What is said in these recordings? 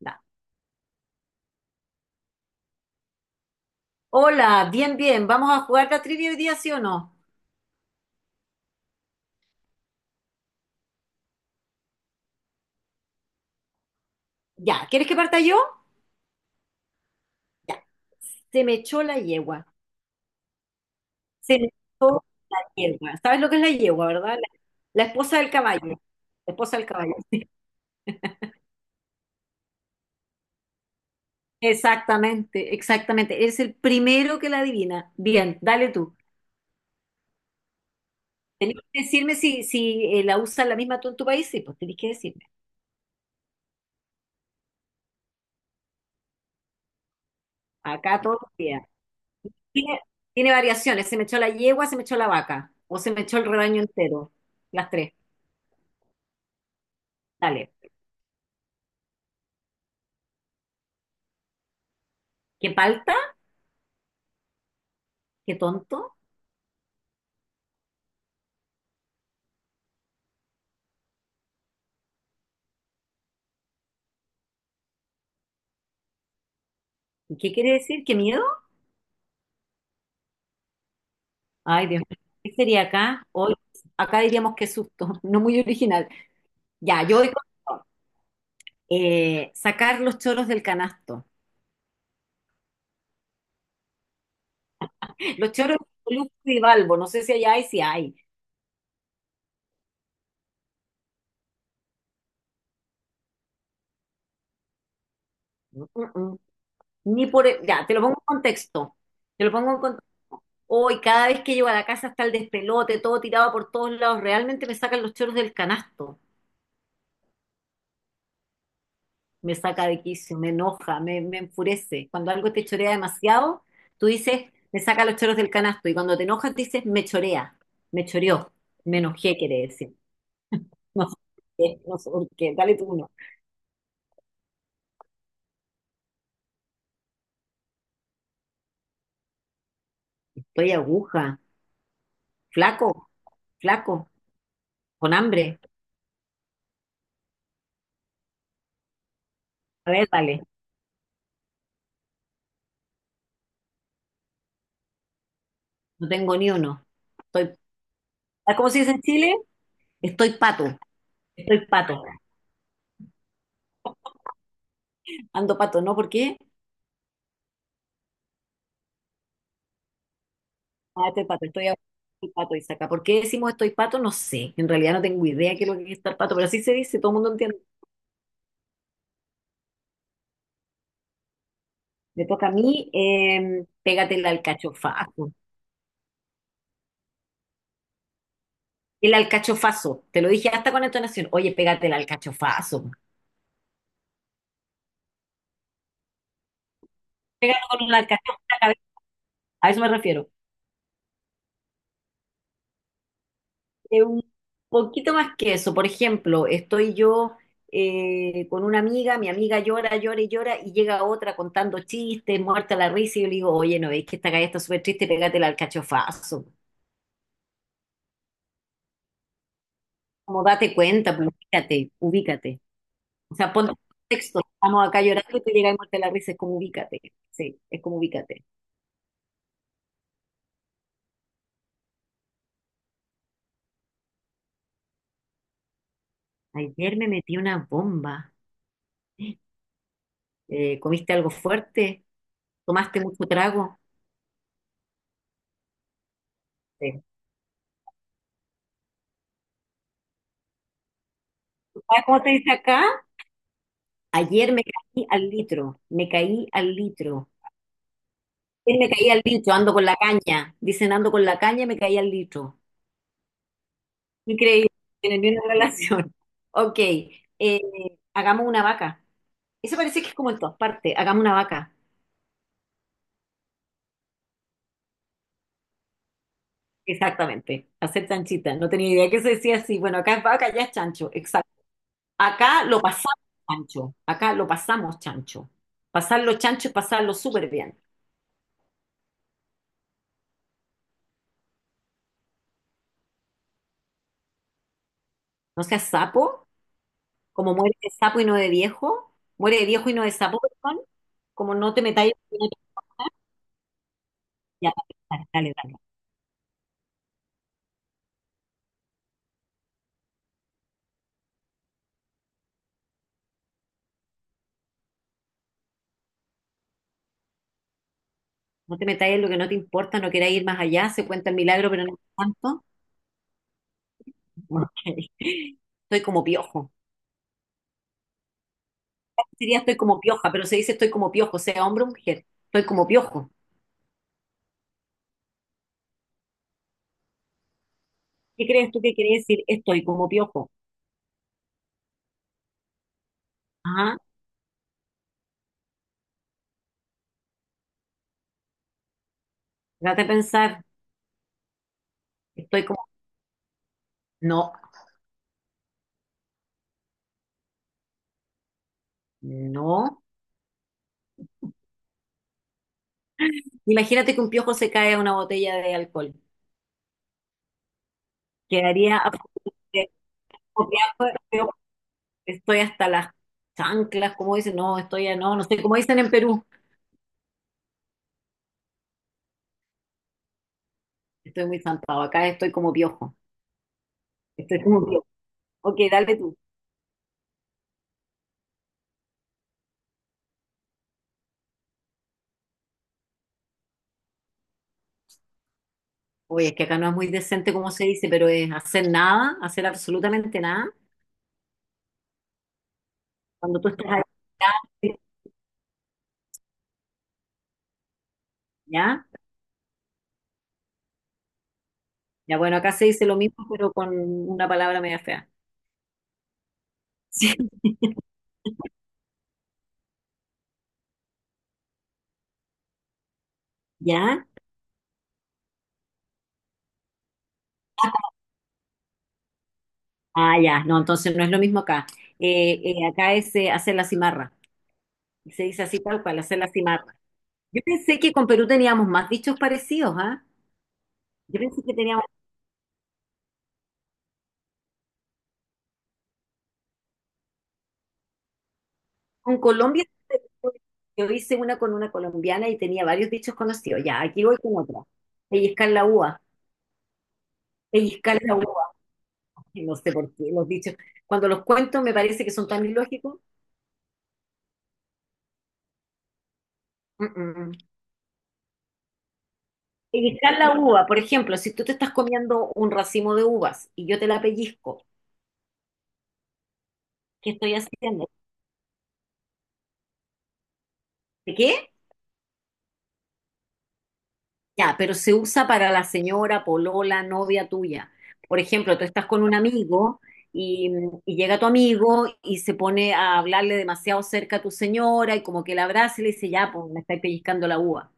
Ya. Hola, bien, bien. ¿Vamos a jugar la trivia hoy día, sí o no? Ya, ¿quieres que parta yo? Ya. Se me echó la yegua. Se me echó la yegua. ¿Sabes lo que es la yegua, verdad? La esposa del caballo. La esposa del caballo. Exactamente, exactamente. Eres el primero que la adivina. Bien, dale tú. Tenés que decirme si la usas la misma tú en tu país. Sí, pues tenés que decirme. Acá todos los días. Tiene, tiene variaciones. Se me echó la yegua, se me echó la vaca. O se me echó el rebaño entero. Las tres. Dale. ¿Qué palta? ¿Qué tonto? ¿Y qué quiere decir? ¿Qué miedo? Ay, Dios mío. ¿Qué sería acá? Hoy, acá diríamos qué susto, no muy original. Ya, yo voy con sacar los choros del canasto. Los choros de Luz y Balbo, no sé si allá hay, si hay. Mm, mm, mm. Ni por, e, ya, te lo pongo en contexto. Te lo pongo en contexto. Hoy, cada vez que llego a la casa está el despelote, todo tirado por todos lados. Realmente me sacan los choros del canasto. Me saca de quicio, me enoja, me enfurece. Cuando algo te chorea demasiado, tú dices, me saca los choros del canasto. Y cuando te enojas, dices, me chorea, me choreó, me enojé, quiere decir. No sé por qué, no sé por qué. Dale tú uno. Estoy aguja, flaco, flaco, con hambre. A ver, dale, no tengo ni uno. Estoy, ¿cómo se dice en Chile? Estoy pato, estoy pato. Ando pato, ¿no? ¿Por qué? Ah, estoy pato, estoy ahogado, estoy pato, Isaca. ¿Por qué decimos estoy pato? No sé. En realidad no tengo idea qué es lo que es estar pato, pero así se dice, todo el mundo entiende. Me toca a mí, pégate el alcachofazo. El alcachofazo, te lo dije hasta con entonación. Oye, pégate el alcachofazo. Pégate con un alcachofazo en la cabeza. A eso me refiero. Un poquito más que eso. Por ejemplo, estoy yo con una amiga, mi amiga llora, llora y llora, y llega otra contando chistes, muerta la risa, y yo le digo, oye, ¿no veis que esta calle está súper triste? Pégate el alcachofazo. Como date cuenta, pero ubícate, ubícate. O sea, ponte en contexto. Estamos acá llorando y te llega y muerte la risa. Es como ubícate. Sí, es como ubícate. Ayer me metí una bomba. ¿Comiste algo fuerte? ¿Tomaste mucho trago? Sí. ¿Sabes cómo te dice acá? Ayer me caí al litro. Me caí al litro. Ayer me caí al litro. Ando con la caña. Dicen ando con la caña, me caí al litro. Increíble. No tiene ni una relación. Ok, hagamos una vaca. Eso parece que es como en todas partes. Hagamos una vaca. Exactamente. Hacer chanchita. No tenía idea que se decía así. Bueno, acá es vaca, ya es chancho. Exacto. Acá lo pasamos chancho. Acá lo pasamos chancho. Pasarlo chancho es pasarlo súper bien. No seas sapo, como muere de sapo y no de viejo. Muere de viejo y no de sapo, perdón. Como no te metáis en lo que no te ya, dale, dale. No te metáis en lo que no te importa, no queráis ir más allá. Se cuenta el milagro, pero no tanto. Ok. Estoy como piojo. Sería estoy como pioja, pero se dice estoy como piojo, sea hombre o mujer, estoy como piojo. ¿Qué crees tú que quiere decir estoy como piojo? Ajá, trata de pensar, estoy como... No, no. Imagínate que un piojo se cae a una botella de alcohol. Quedaría absolutamente copiado, pero estoy hasta las chanclas, como dicen, no, estoy a- no, no sé, como dicen en Perú. Estoy muy zampado, acá estoy como piojo. Estoy como piojo. Ok, dale tú. Oye, es que acá no es muy decente como se dice, pero es hacer nada, hacer absolutamente nada. Cuando tú estás ahí, ¿ya? Ya, bueno, acá se dice lo mismo, pero con una palabra media fea. Sí. ¿Ya? Ah, ya, no, entonces no es lo mismo acá. Acá es hacer la cimarra. Se dice así tal cual, hacer la cimarra. Yo pensé que con Perú teníamos más dichos parecidos, ¿ah? Yo pensé que teníamos con Colombia. Yo hice una con una colombiana y tenía varios dichos conocidos. Ya, aquí voy con otra. Pellizcar la uva, pellizcar la uva. No sé por qué los dichos. Cuando los cuento me parece que son tan ilógicos. Mm, mm, mm. Pellizcar la uva, por ejemplo, si tú te estás comiendo un racimo de uvas y yo te la pellizco, ¿qué estoy haciendo? ¿De qué? Ya, pero se usa para la señora, polola, novia tuya. Por ejemplo, tú estás con un amigo y, y llega tu amigo y se pone a hablarle demasiado cerca a tu señora y como que la abraza y le dice, ya, pues me estáis pellizcando la uva.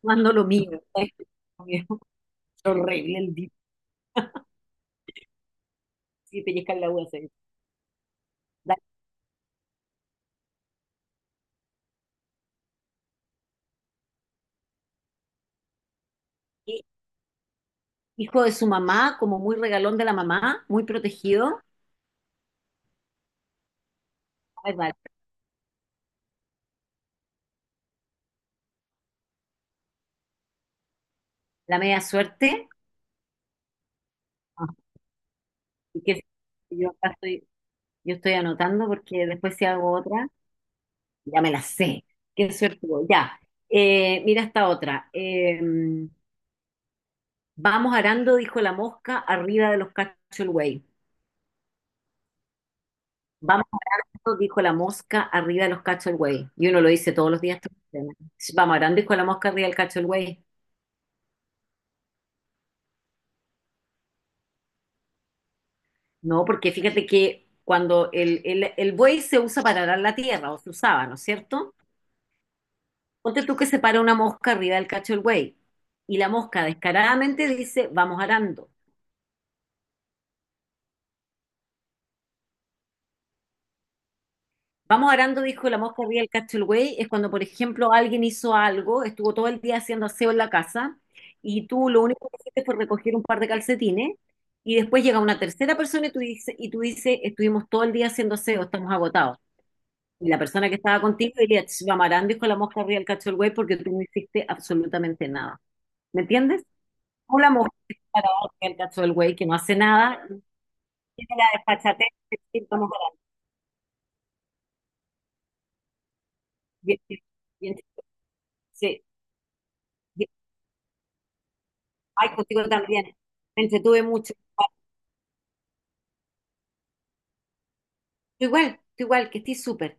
Cuando lo mío, ¿sabes? Es horrible el día de pellizcar la uva, ¿sabes? Da- hijo de su mamá, como muy regalón de la mamá, muy protegido. Ay, vale. La media suerte. Ajá. Y que yo acá estoy, yo estoy anotando porque después si hago otra, ya me la sé. Qué suerte. Voy. Ya. Mira esta otra. Vamos arando, dijo la mosca, arriba de los cachos el güey. Vamos arando, dijo la mosca, arriba de los cachos el güey. Y uno lo dice todos los días, todos los días, ¿no? Vamos arando, dijo la mosca, arriba del cacho el güey. No, porque fíjate que cuando el buey se usa para arar la tierra, o se usaba, ¿no es cierto? Ponte tú que se para una mosca arriba del cacho del buey y la mosca descaradamente dice, vamos arando. Vamos arando, dijo la mosca arriba del cacho del buey, es cuando, por ejemplo, alguien hizo algo, estuvo todo el día haciendo aseo en la casa y tú lo único que hiciste fue recoger un par de calcetines y después llega una tercera persona y tú dices, estuvimos todo el día haciendo aseo, estamos agotados. Y la persona que estaba contigo diría, "Ch, vamos arando, dijo la mosca arriba del cacho del buey", porque tú no hiciste absolutamente nada. ¿Me entiendes? O la mosca que está parada arriba del cacho del buey que no hace nada tiene la desfachatez de decir, vamos a dar. Bien, bien, bien, sí, bien. Ay, contigo también. Me entretuve mucho. Tú igual, que estoy súper.